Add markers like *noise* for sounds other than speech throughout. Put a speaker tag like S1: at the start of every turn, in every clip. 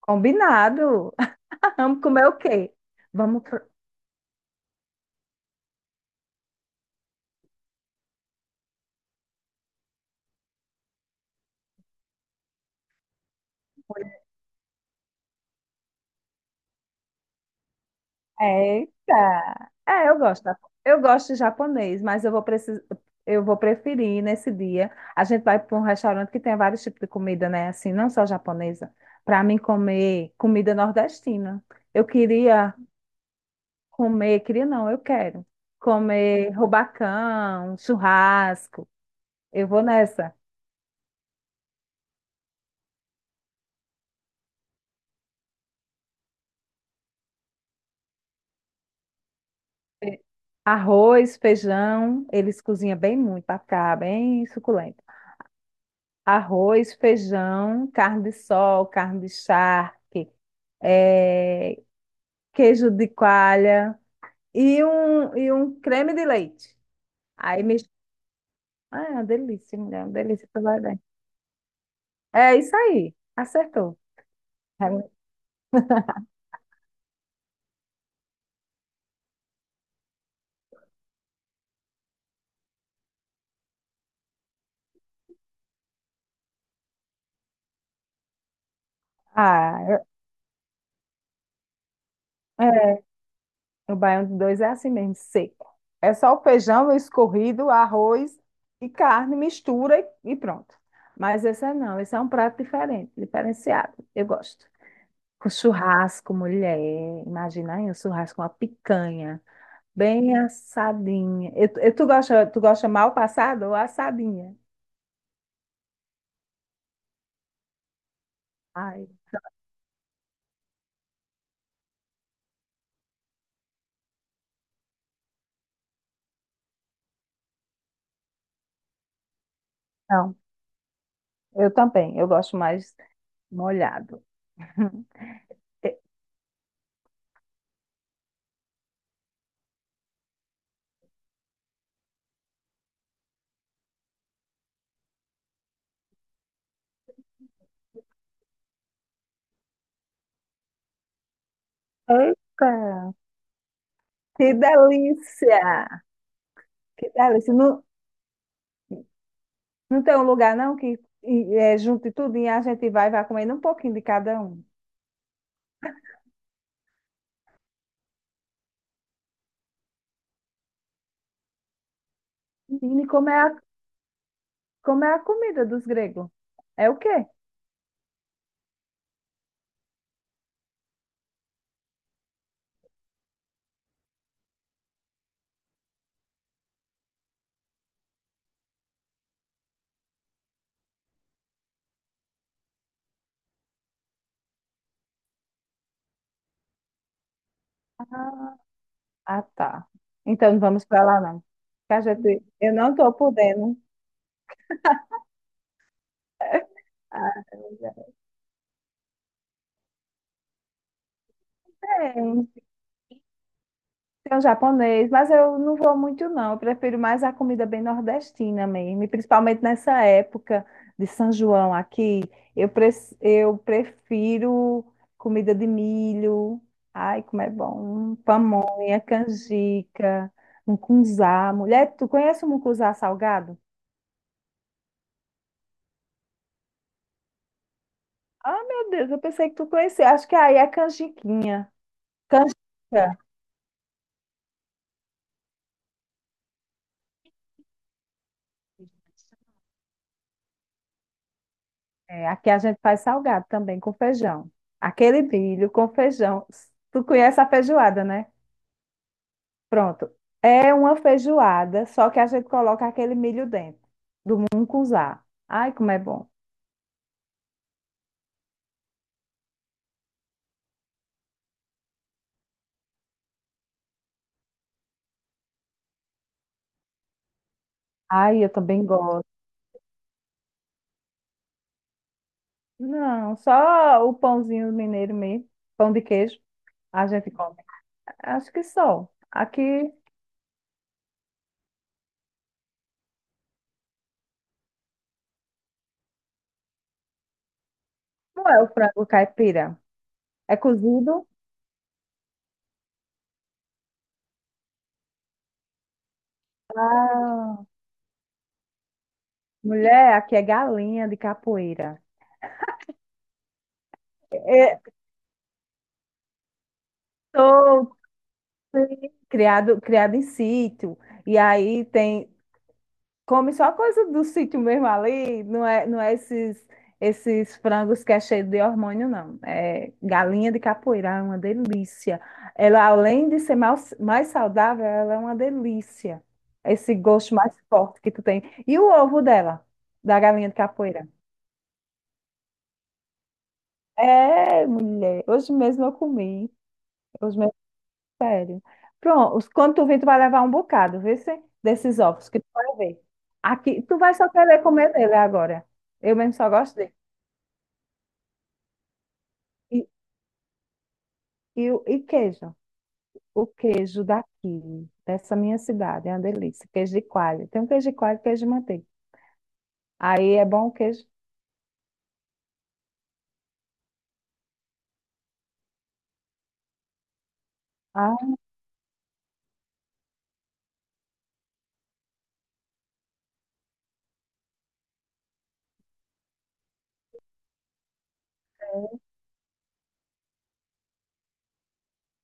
S1: Combinado. *laughs* Vamos comer o quê? Vamos. Eita! É, eu gosto. Eu gosto de japonês, mas eu vou preferir nesse dia. A gente vai para um restaurante que tem vários tipos de comida, né? Assim, não só japonesa. Para mim comer comida nordestina. Eu queria comer, queria não, eu quero comer rubacão, churrasco. Eu vou nessa. Arroz, feijão, eles cozinham bem muito para ficar bem suculento. Arroz, feijão, carne de sol, carne de charque, eh, queijo de coalha e um creme de leite. Aí me... Ah, é uma delícia, mulher, é uma delícia tu vai ver. É isso aí, acertou. É mu- Ah, é, o baião de dois é assim mesmo, seco. É só o feijão escorrido, arroz e carne, mistura e pronto. Mas esse é não, esse é um prato diferente, diferenciado. Eu gosto. Com churrasco, mulher. Imagina aí, um churrasco, uma picanha. Bem assadinha. Tu gosta mal passada ou assadinha? Ai, não. Eu também. Eu gosto mais molhado. *laughs* E- Eita, que delícia! Que delícia. Não, não tem um lugar, não, que é, junte tudo e a gente vai, vai comendo um pouquinho de cada um. Menina, como é a comida dos gregos? É o quê? Ah, tá. Então não vamos para lá, não. Porque a gente, eu não estou podendo. Ah, é, tem um japonês, mas eu não vou muito, não. Eu prefiro mais a comida bem nordestina mesmo, e principalmente nessa época de São João aqui. Eu, pre eu prefiro comida de milho. Ai, como é bom! Pamonha, canjica, mucunzá. Mulher, tu conhece o mucunzá salgado? Ah, meu Deus, eu pensei que tu conhecia. Acho que aí é canjiquinha. Canjica. É, aqui a gente faz salgado também com feijão. Aquele milho com feijão. Tu conhece a feijoada, né? Pronto. É uma feijoada, só que a gente coloca aquele milho dentro, do mungunzá. Ai, como é bom. Ai, eu também gosto. Não, só o pãozinho mineiro mesmo, pão de queijo, a gente come. Acho que só. Aqui não é o frango caipira. É cozido. Ah, mulher, aqui é galinha de capoeira. É, Sou, sim, criado, criado em sítio. E aí tem, come só coisa do sítio mesmo ali, não é, não é esses, esses frangos que é cheio de hormônio, não. É galinha de capoeira, é uma delícia. Ela, além de ser mais, mais saudável, ela é uma delícia. Esse gosto mais forte que tu tem. E o ovo dela, da galinha de capoeira? É, mulher, hoje mesmo eu comi. Hoje mesmo. Sério. Pronto, quando tu vir, tu vai levar um bocado, vê se desses ovos que tu vai ver. Aqui, tu vai só querer comer dele agora. Eu mesmo só gosto dele. E, e queijo. O queijo daqui, dessa minha cidade, é uma delícia. Queijo de coalho. Tem um queijo de coalho e queijo de manteiga. Aí é bom o queijo. Ah,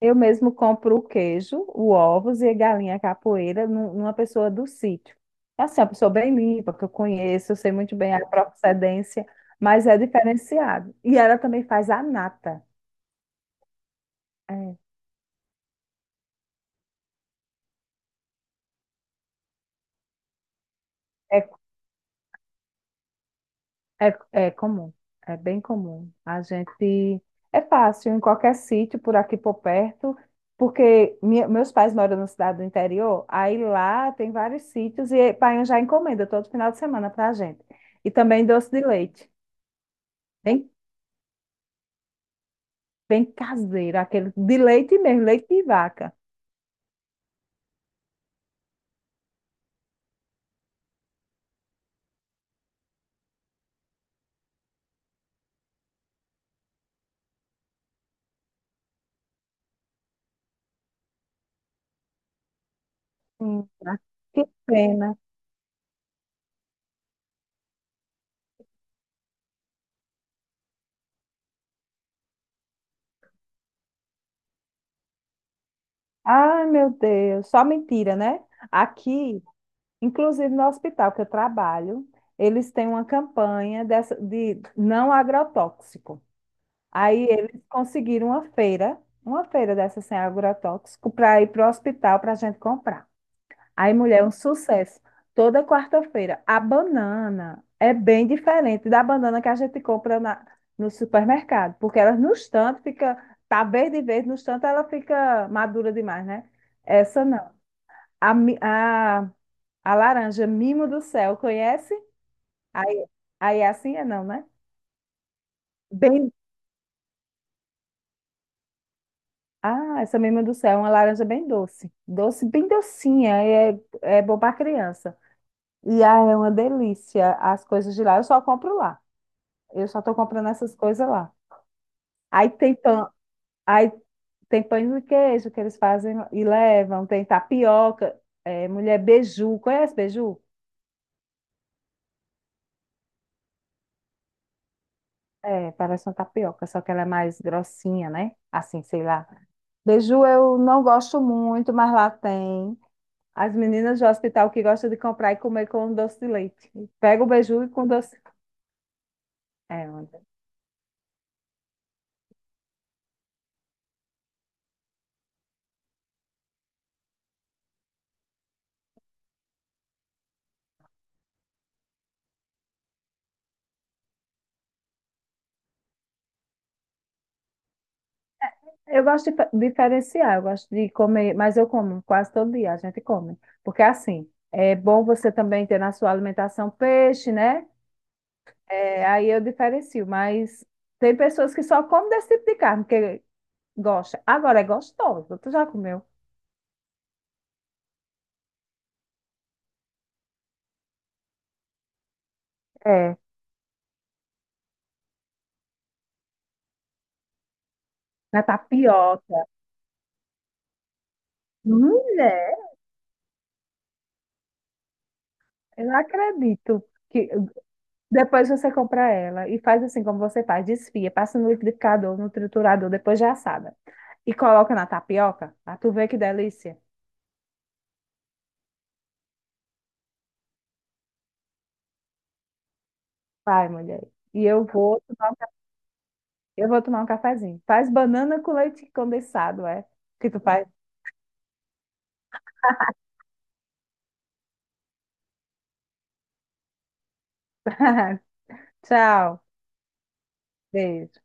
S1: eu mesmo compro o queijo, o ovos e a galinha capoeira numa pessoa do sítio. É assim, é uma pessoa bem limpa, que eu conheço, eu sei muito bem a procedência, mas é diferenciado. E ela também faz a nata. É, é, é, é comum, é bem comum. A gente é fácil em qualquer sítio por aqui por perto, porque meus pais moram na cidade do interior, aí lá tem vários sítios e Paião já encomenda todo final de semana para a gente. E também doce de leite. Bem bem caseira aquele de leite mesmo, leite de vaca. Ah, que pena. Ai, meu Deus, só mentira, né? Aqui, inclusive no hospital que eu trabalho, eles têm uma campanha dessa, de não agrotóxico. Aí eles conseguiram uma feira dessa sem agrotóxico, para ir para o hospital para a gente comprar. Aí, mulher, é um sucesso. Toda quarta-feira. A banana é bem diferente da banana que a gente compra na, no supermercado, porque ela no estante fica, tá verde e verde, no estante ela fica madura demais, né? Essa não. A, mi- a, a laranja, mimo do céu, conhece? Aí, aí é assim é não, né? Bem, ah, essa mimo do céu é uma laranja bem doce. Doce, bem docinha, é, é bom para criança. E ah, é uma delícia as coisas de lá, eu só compro lá. Eu só estou comprando essas coisas lá. Aí tem pão, aí tem pães de queijo que eles fazem e levam, tem tapioca, é, mulher beiju, conhece beiju? É, parece uma tapioca, só que ela é mais grossinha, né? Assim, sei lá. Beiju eu não gosto muito, mas lá tem. As meninas do hospital que gostam de comprar e comer com doce de leite. Pega o beiju e com doce. É, eu gosto de diferenciar, eu gosto de comer, mas eu como quase todo dia, a gente come. Porque assim, é bom você também ter na sua alimentação peixe, né? É, aí eu diferencio, mas tem pessoas que só comem desse tipo de carne, porque gosta. Agora é gostoso, tu já comeu? É, na tapioca. Mulher, eu não acredito que depois você compra ela e faz assim como você faz, desfia, passa no liquidificador, no triturador, depois já assada. E coloca na tapioca, ah, tu vê que delícia. Vai, mulher. E eu vou tomar um, ca- eu vou tomar um cafezinho. Faz banana com leite condensado, é? Que tu faz. *laughs* Tchau. Beijo.